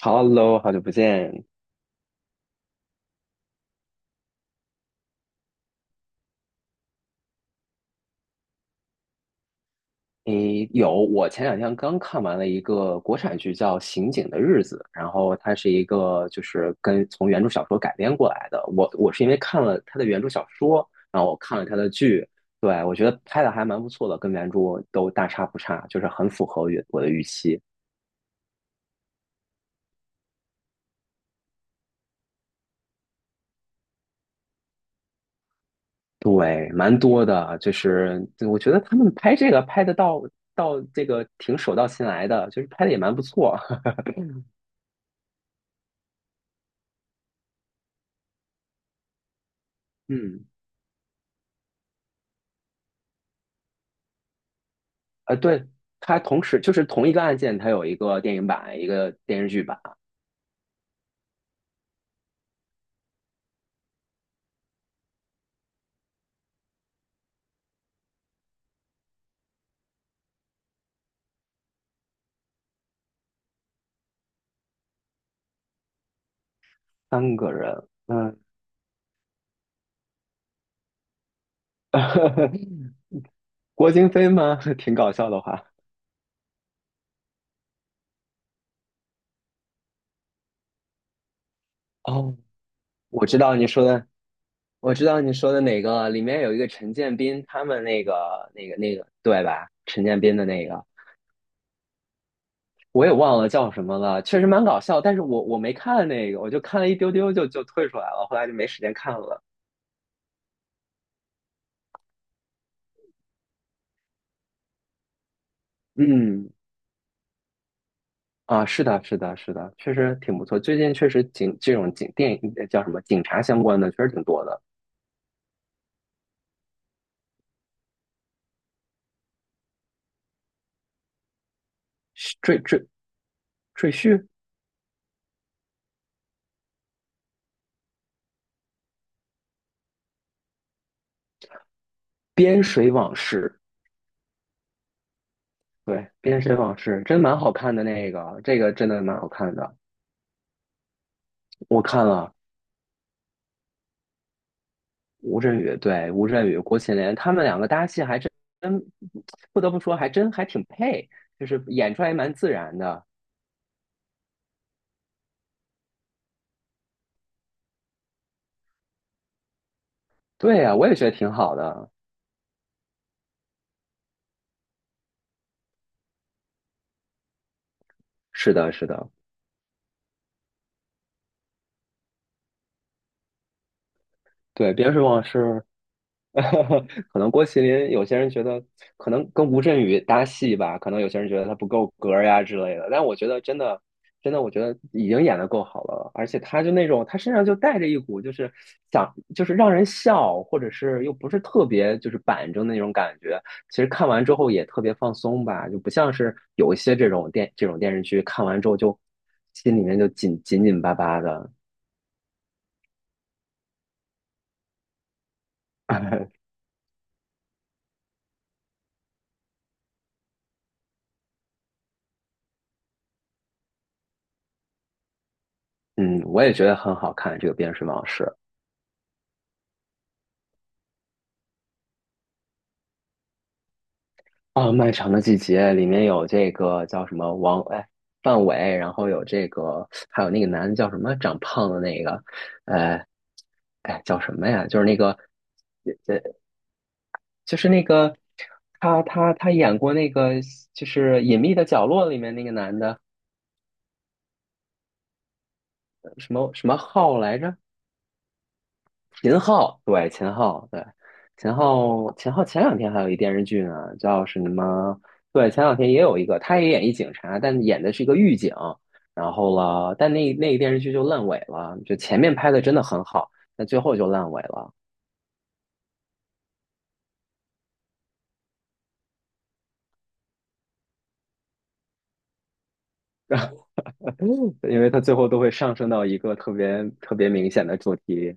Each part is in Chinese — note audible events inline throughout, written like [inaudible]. Hello，好久不见。诶，有，我前两天刚看完了一个国产剧叫《刑警的日子》，然后它是一个就是跟从原著小说改编过来的。我是因为看了它的原著小说，然后我看了它的剧，对，我觉得拍的还蛮不错的，跟原著都大差不差，就是很符合原我的预期。对，蛮多的，就是对我觉得他们拍这个拍的到这个挺手到擒来的，就是拍的也蛮不错。[laughs] 嗯。对，它同时就是同一个案件，它有一个电影版，一个电视剧版，三个人。嗯，[laughs] 郭京飞吗？[laughs] 挺搞笑的话。哦，我知道你说的，我知道你说的哪个，里面有一个陈建斌，他们那个那个那个，对吧？陈建斌的那个，我也忘了叫什么了，确实蛮搞笑。但是我没看那个，我就看了一丢丢就退出来了，后来就没时间看了。嗯，啊，是的，是的，是的，确实挺不错。最近确实警这种警电影叫什么警察相关的，确实挺多的。赘赘赘婿，边水往事，对，边水往事真蛮好看的那个，这个真的蛮好看的。我看了吴镇宇，对，吴镇宇、郭麒麟他们两个搭戏还真不得不说还真还挺配，就是演出来蛮自然的。对呀，我也觉得挺好的。是的，是的，对，边水往事。[laughs] 可能郭麒麟有些人觉得可能跟吴镇宇搭戏吧，可能有些人觉得他不够格儿呀之类的，但我觉得真的真的，我觉得已经演的够好了，而且他就那种他身上就带着一股就是想就是让人笑，或者是又不是特别就是板正的那种感觉。其实看完之后也特别放松吧，就不像是有一些这种电视剧看完之后就心里面就紧巴巴的。[laughs] 嗯，我也觉得很好看这个《边睡往事》。啊，漫长的季节里面有这个叫什么王，哎，范伟，然后有这个，还有那个男的叫什么，长胖的那个，呃，哎，叫什么呀？就是那个，呃，呃就是那个，他演过那个，就是《隐秘的角落》里面那个男的，什么什么浩来着？秦昊，对，秦昊，对，秦昊，秦昊前两天还有一电视剧呢，叫什么？对，前两天也有一个，他也演一警察，但演的是一个狱警。然后了，但那那个电视剧就烂尾了，就前面拍的真的很好，但最后就烂尾了，[laughs] 因为他最后都会上升到一个特别特别明显的主题。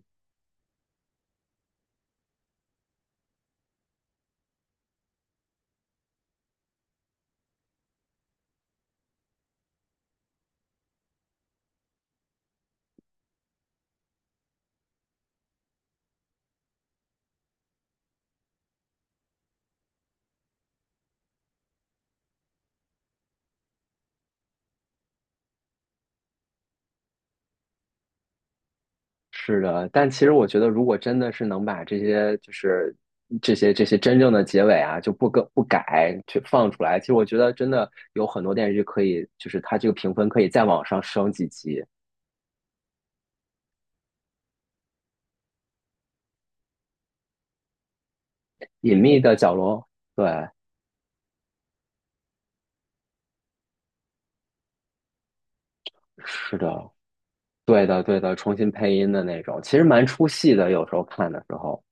是的，但其实我觉得，如果真的是能把这些，就是这些真正的结尾啊，就不更不改去放出来，其实我觉得真的有很多电视剧可以，就是它这个评分可以再往上升几级。隐秘的角落，对，是的，对的，对的，重新配音的那种，其实蛮出戏的，有时候看的时候，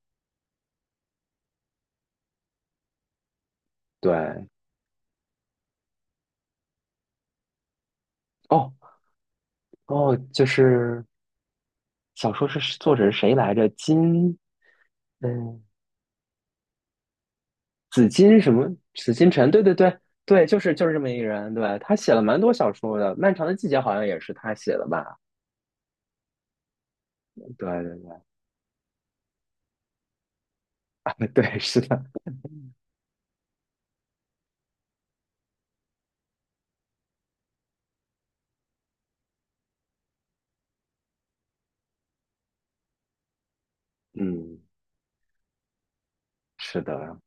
对，哦哦，就是小说是作者是谁来着？金，嗯，紫金什么？紫金陈？对对对对，就是就是这么一个人。对，他写了蛮多小说的，《漫长的季节》好像也是他写的吧？对对对 [laughs] 对，是的，嗯，是的，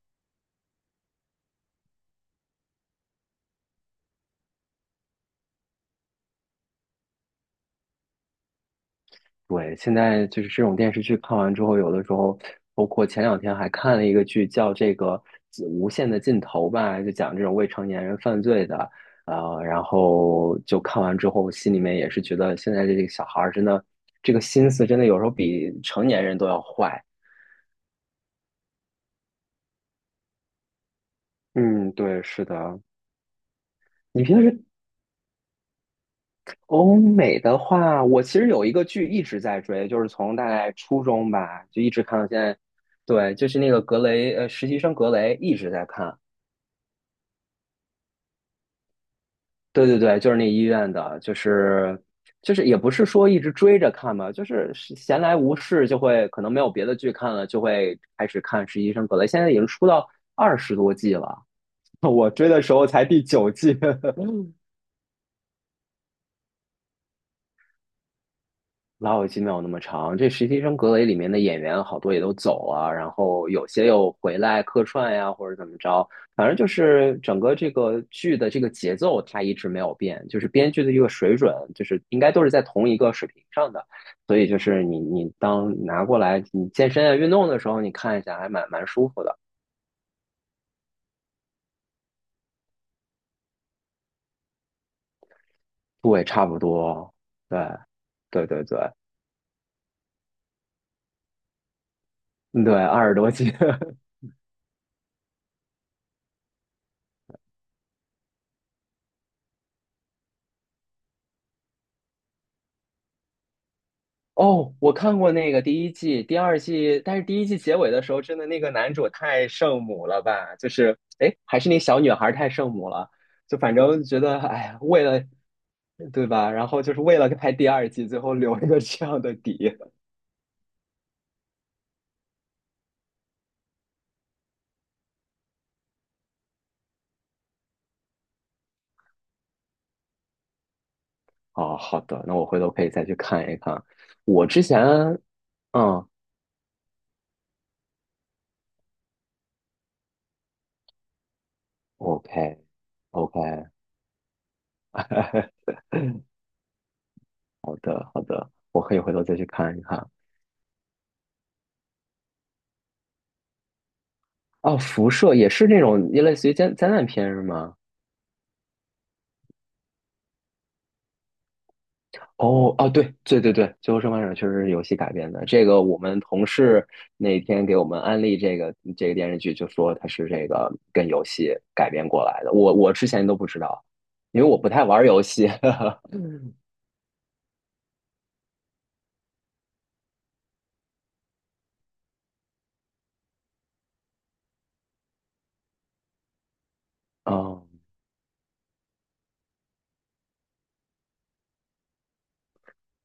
对。现在就是这种电视剧看完之后，有的时候，包括前两天还看了一个剧，叫这个《无限的尽头》吧，就讲这种未成年人犯罪的。然后就看完之后，心里面也是觉得现在这个小孩儿真的，这个心思真的有时候比成年人都要坏。嗯，对，是的，你平时欧美的话，我其实有一个剧一直在追，就是从大概初中吧，就一直看到现在。对，就是那个格雷，实习生格雷一直在看。对对对，就是那医院的，就是就是也不是说一直追着看吧，就是闲来无事就会可能没有别的剧看了，就会开始看实习生格雷。现在已经出到20多季了，[laughs] 我追的时候才第9季。[laughs] 老友记没有那么长，这《实习生格雷》里面的演员好多也都走啊，然后有些又回来客串呀，或者怎么着，反正就是整个这个剧的这个节奏它一直没有变，就是编剧的一个水准，就是应该都是在同一个水平上的，所以就是你当拿过来你健身啊运动的时候，你看一下还蛮舒服的，对，差不多，对，对对对对，20多集。[laughs] 哦，我看过那个第一季、第二季，但是第一季结尾的时候，真的那个男主太圣母了吧？就是，哎，还是那小女孩太圣母了，就反正觉得，哎呀，为了，对吧？然后就是为了拍第二季，最后留一个这样的底。哦，好的，那我回头可以再去看一看。我之前，嗯，OK，OK，[laughs] 好的，好的，我可以回头再去看一看。哦，辐射也是那种类似于灾灾难片是吗？哦哦，对对对对，《最后生还者》确实是游戏改编的。这个我们同事那天给我们安利这个这个电视剧，就说它是这个跟游戏改编过来的。我之前都不知道，因为我不太玩游戏。[laughs] 嗯，哦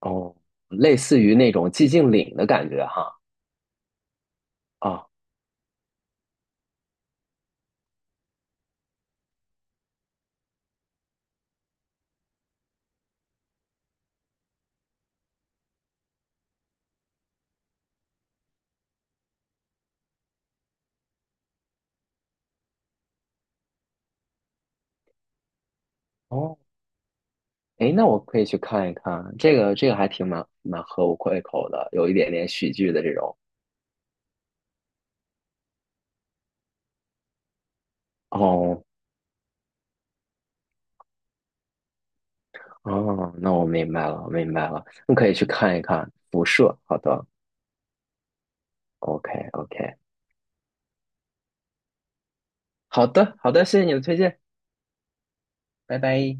哦，类似于那种寂静岭的感觉哈。啊哦，哎，那我可以去看一看，这个这个还挺蛮合我胃口的，有一点点喜剧的这种。哦哦，那我明白了，我明白了，你可以去看一看《辐射》。好的，OK，OK，好的，好的，谢谢你的推荐，拜拜。